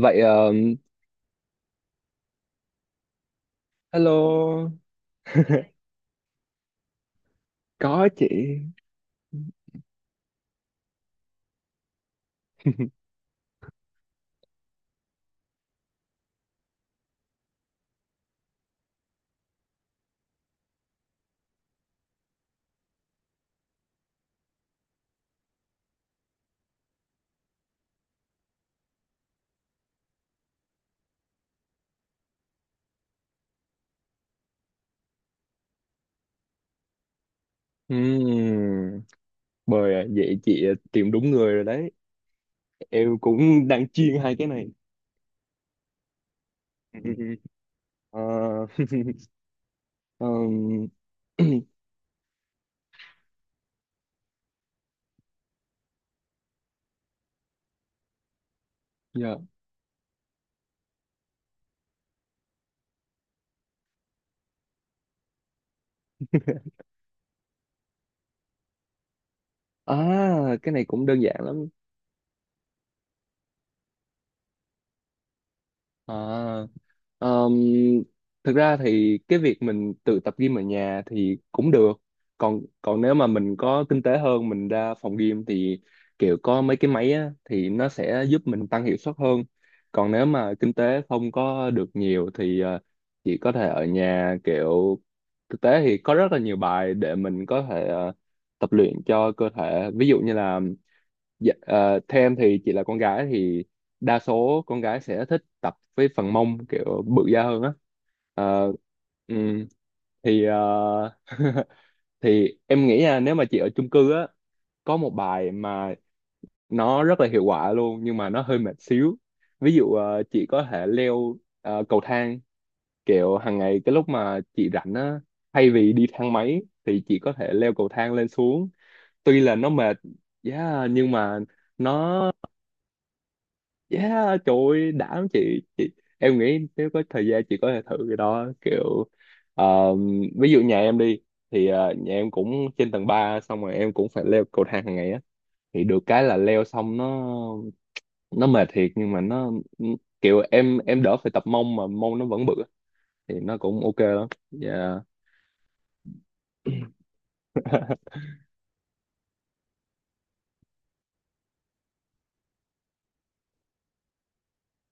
Vậy hello. Có chị. Ừm, Bời à, vậy chị tìm đúng người rồi đấy. Em cũng đang chuyên hai cái này. Ờ, ờm, dạ. À, cái này cũng đơn giản lắm. À, Ờm, thực ra thì cái việc mình tự tập gym ở nhà thì cũng được. Còn còn nếu mà mình có kinh tế hơn mình ra phòng gym thì kiểu có mấy cái máy á, thì nó sẽ giúp mình tăng hiệu suất hơn. Còn nếu mà kinh tế không có được nhiều thì chỉ có thể ở nhà kiểu thực tế thì có rất là nhiều bài để mình có thể tập luyện cho cơ thể. Ví dụ như là dạ, theo em thì chị là con gái thì đa số con gái sẽ thích tập với phần mông kiểu bự da hơn á. Ờ, ừm, thì thì em nghĩ nha, nếu mà chị ở chung cư á, có một bài mà nó rất là hiệu quả luôn nhưng mà nó hơi mệt xíu. Ví dụ chị có thể leo cầu thang kiểu hàng ngày, cái lúc mà chị rảnh á, thay vì đi thang máy thì chị có thể leo cầu thang lên xuống. Tuy là nó mệt, yeah, nhưng mà nó Yeah, trời ơi, đảm chị em nghĩ nếu có thời gian chị có thể thử cái đó kiểu ờ, ví dụ nhà em đi, thì nhà em cũng trên tầng 3 xong rồi em cũng phải leo cầu thang hàng ngày á, thì được cái là leo xong nó mệt thiệt nhưng mà nó kiểu em đỡ phải tập mông mà mông nó vẫn bự á. Thì nó cũng ok lắm. Dạ.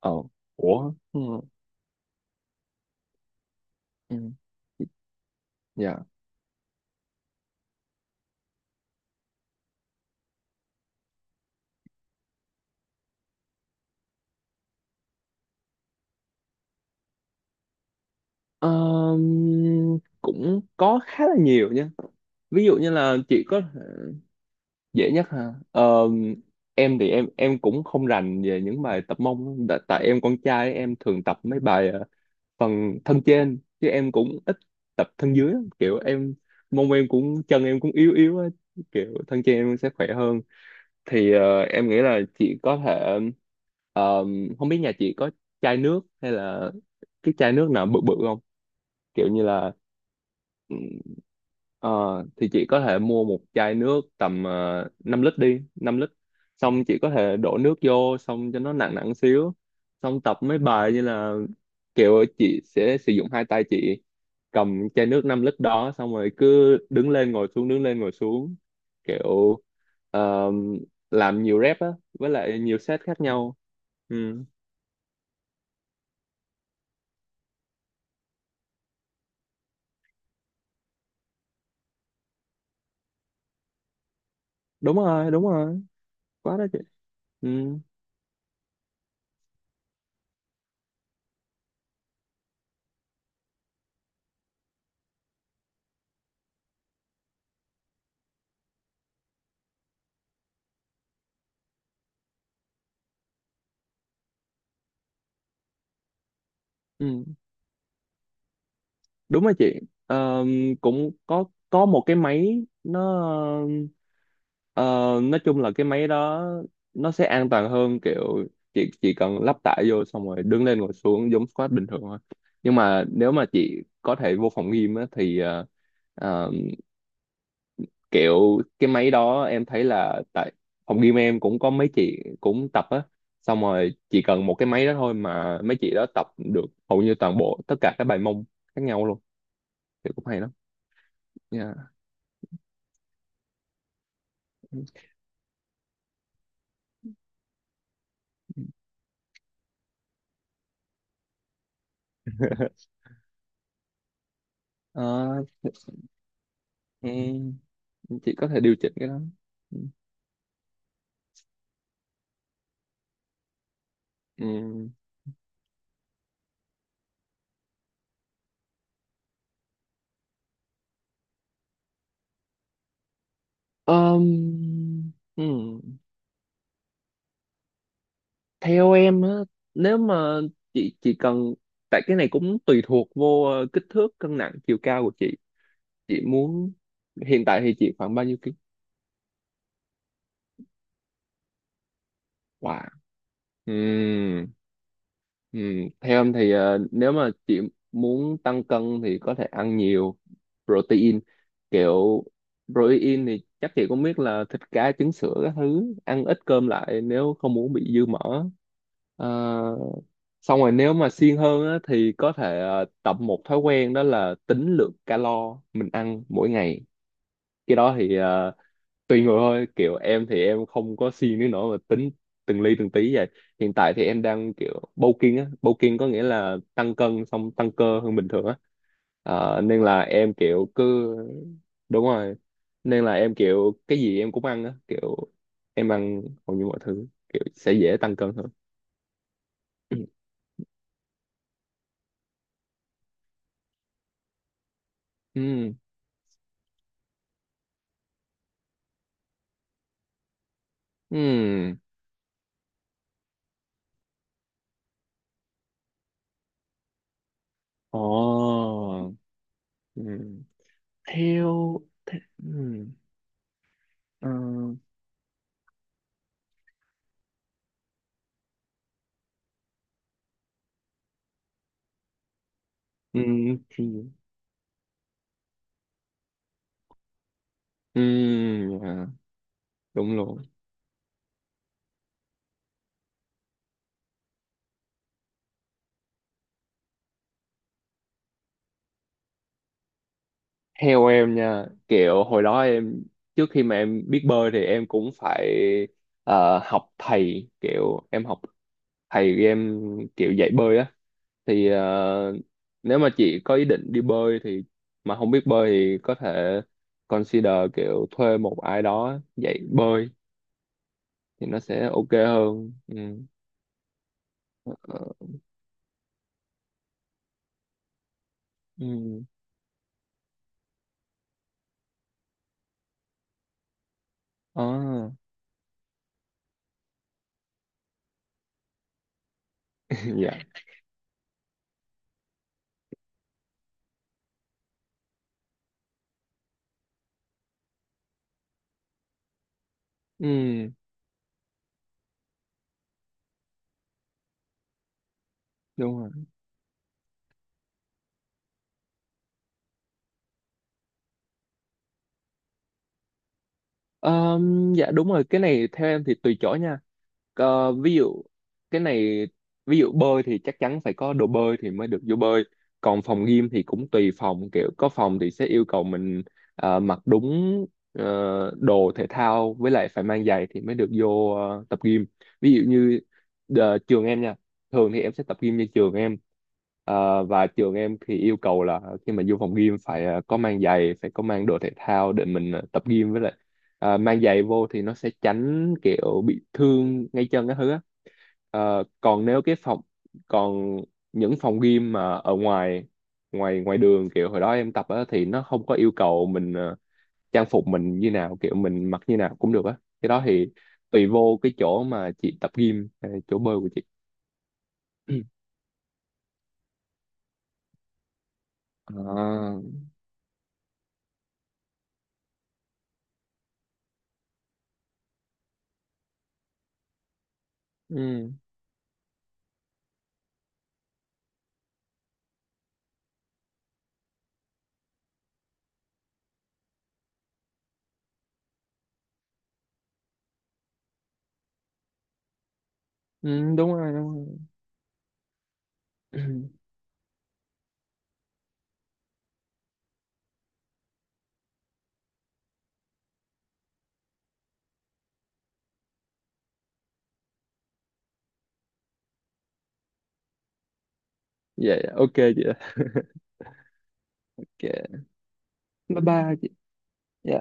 Ờ. Ủa. Ừ. Ừ. Dạ. Cũng có khá là nhiều nha. Ví dụ như là chị có dễ nhất ha. Ờ, em thì em cũng không rành về những bài tập mông lắm. Tại em con trai em thường tập mấy bài phần thân trên chứ em cũng ít tập thân dưới lắm. Kiểu em mông em cũng chân em cũng yếu yếu á, kiểu thân trên em sẽ khỏe hơn. Thì em nghĩ là chị có thể ờ, không biết nhà chị có chai nước hay là cái chai nước nào bự bự không, kiểu như là Ừ, Ờ, thì chị có thể mua một chai nước tầm 5 lít đi, 5 lít. Xong chị có thể đổ nước vô xong cho nó nặng nặng xíu. Xong tập mấy bài như là kiểu chị sẽ sử dụng hai tay chị cầm chai nước 5 lít đó xong rồi cứ đứng lên ngồi xuống đứng lên ngồi xuống, kiểu ờ, làm nhiều rep á với lại nhiều set khác nhau. Ừ, đúng rồi, đúng rồi. Quá đó chị. Ừ, ừ. Đúng rồi chị. Ờ, cũng có một cái máy nó ờ, nói chung là cái máy đó nó sẽ an toàn hơn, kiểu chị chỉ cần lắp tải vô xong rồi đứng lên ngồi xuống giống squat bình thường thôi. Nhưng mà nếu mà chị có thể vô phòng gym á, thì ờ, kiểu cái máy đó em thấy là tại phòng gym em cũng có mấy chị cũng tập á, xong rồi chỉ cần một cái máy đó thôi mà mấy chị đó tập được hầu như toàn bộ tất cả các bài mông khác nhau luôn, thì cũng hay lắm. Yeah. Ờ, ừ, chị có thể điều chỉnh cái đó. Ừ. Ừ. Ờm, ừ. Theo em á, nếu mà chị cần, tại cái này cũng tùy thuộc vô kích thước, cân nặng, chiều cao của chị. Chị muốn hiện tại thì chị khoảng bao nhiêu? Wow. Ừm, Theo em thì nếu mà chị muốn tăng cân thì có thể ăn nhiều protein. Kiểu protein thì chắc chị cũng biết là thịt, cá, trứng sữa các thứ. Ăn ít cơm lại nếu không muốn bị dư mỡ. Ờ, xong rồi nếu mà siêng hơn á, thì có thể tập một thói quen đó là tính lượng calo mình ăn mỗi ngày. Cái đó thì tùy người thôi, kiểu em thì em không có siêng đến nỗi mà tính từng ly từng tí vậy. Hiện tại thì em đang kiểu bulking á, bulking có nghĩa là tăng cân xong tăng cơ hơn bình thường á. Nên là em kiểu cứ đúng rồi, nên là em kiểu cái gì em cũng ăn á, kiểu em ăn hầu như mọi thứ, kiểu sẽ dễ tăng cân hơn. Ừ. Ừ. Ồ. Ừ. Theo ừ. Ờ, ừ. thì- ừ, dạ, đúng rồi. Theo em nha, kiểu hồi đó em trước khi mà em biết bơi thì em cũng phải học thầy, kiểu em học thầy em kiểu dạy bơi á. Thì nếu mà chị có ý định đi bơi thì mà không biết bơi thì có thể consider kiểu thuê một ai đó dạy bơi, thì nó sẽ ok hơn. Ừ. Ờ, Ừ. À, dạ. Ừ, đúng rồi. Ờ, dạ đúng rồi, cái này theo em thì tùy chỗ nha. Ví dụ cái này, ví dụ bơi thì chắc chắn phải có đồ bơi thì mới được vô bơi. Còn phòng gym thì cũng tùy phòng, kiểu có phòng thì sẽ yêu cầu mình mặc đúng đồ thể thao với lại phải mang giày thì mới được vô tập gym. Ví dụ như trường em nha, thường thì em sẽ tập gym như trường em. Và trường em thì yêu cầu là khi mà vô phòng gym phải có mang giày, phải có mang đồ thể thao để mình tập gym với lại. Mang giày vô thì nó sẽ tránh kiểu bị thương ngay chân cái thứ á. Còn nếu cái phòng còn những phòng gym mà ở ngoài ngoài ngoài đường kiểu hồi đó em tập á, thì nó không có yêu cầu mình trang phục mình như nào, kiểu mình mặc như nào cũng được á, cái đó thì tùy vô cái chỗ mà chị tập gym chỗ bơi của chị. À, ừ, ừ, đúng rồi đúng rồi. Vậy ok chị ạ. Ok, bye bye chị. Dạ.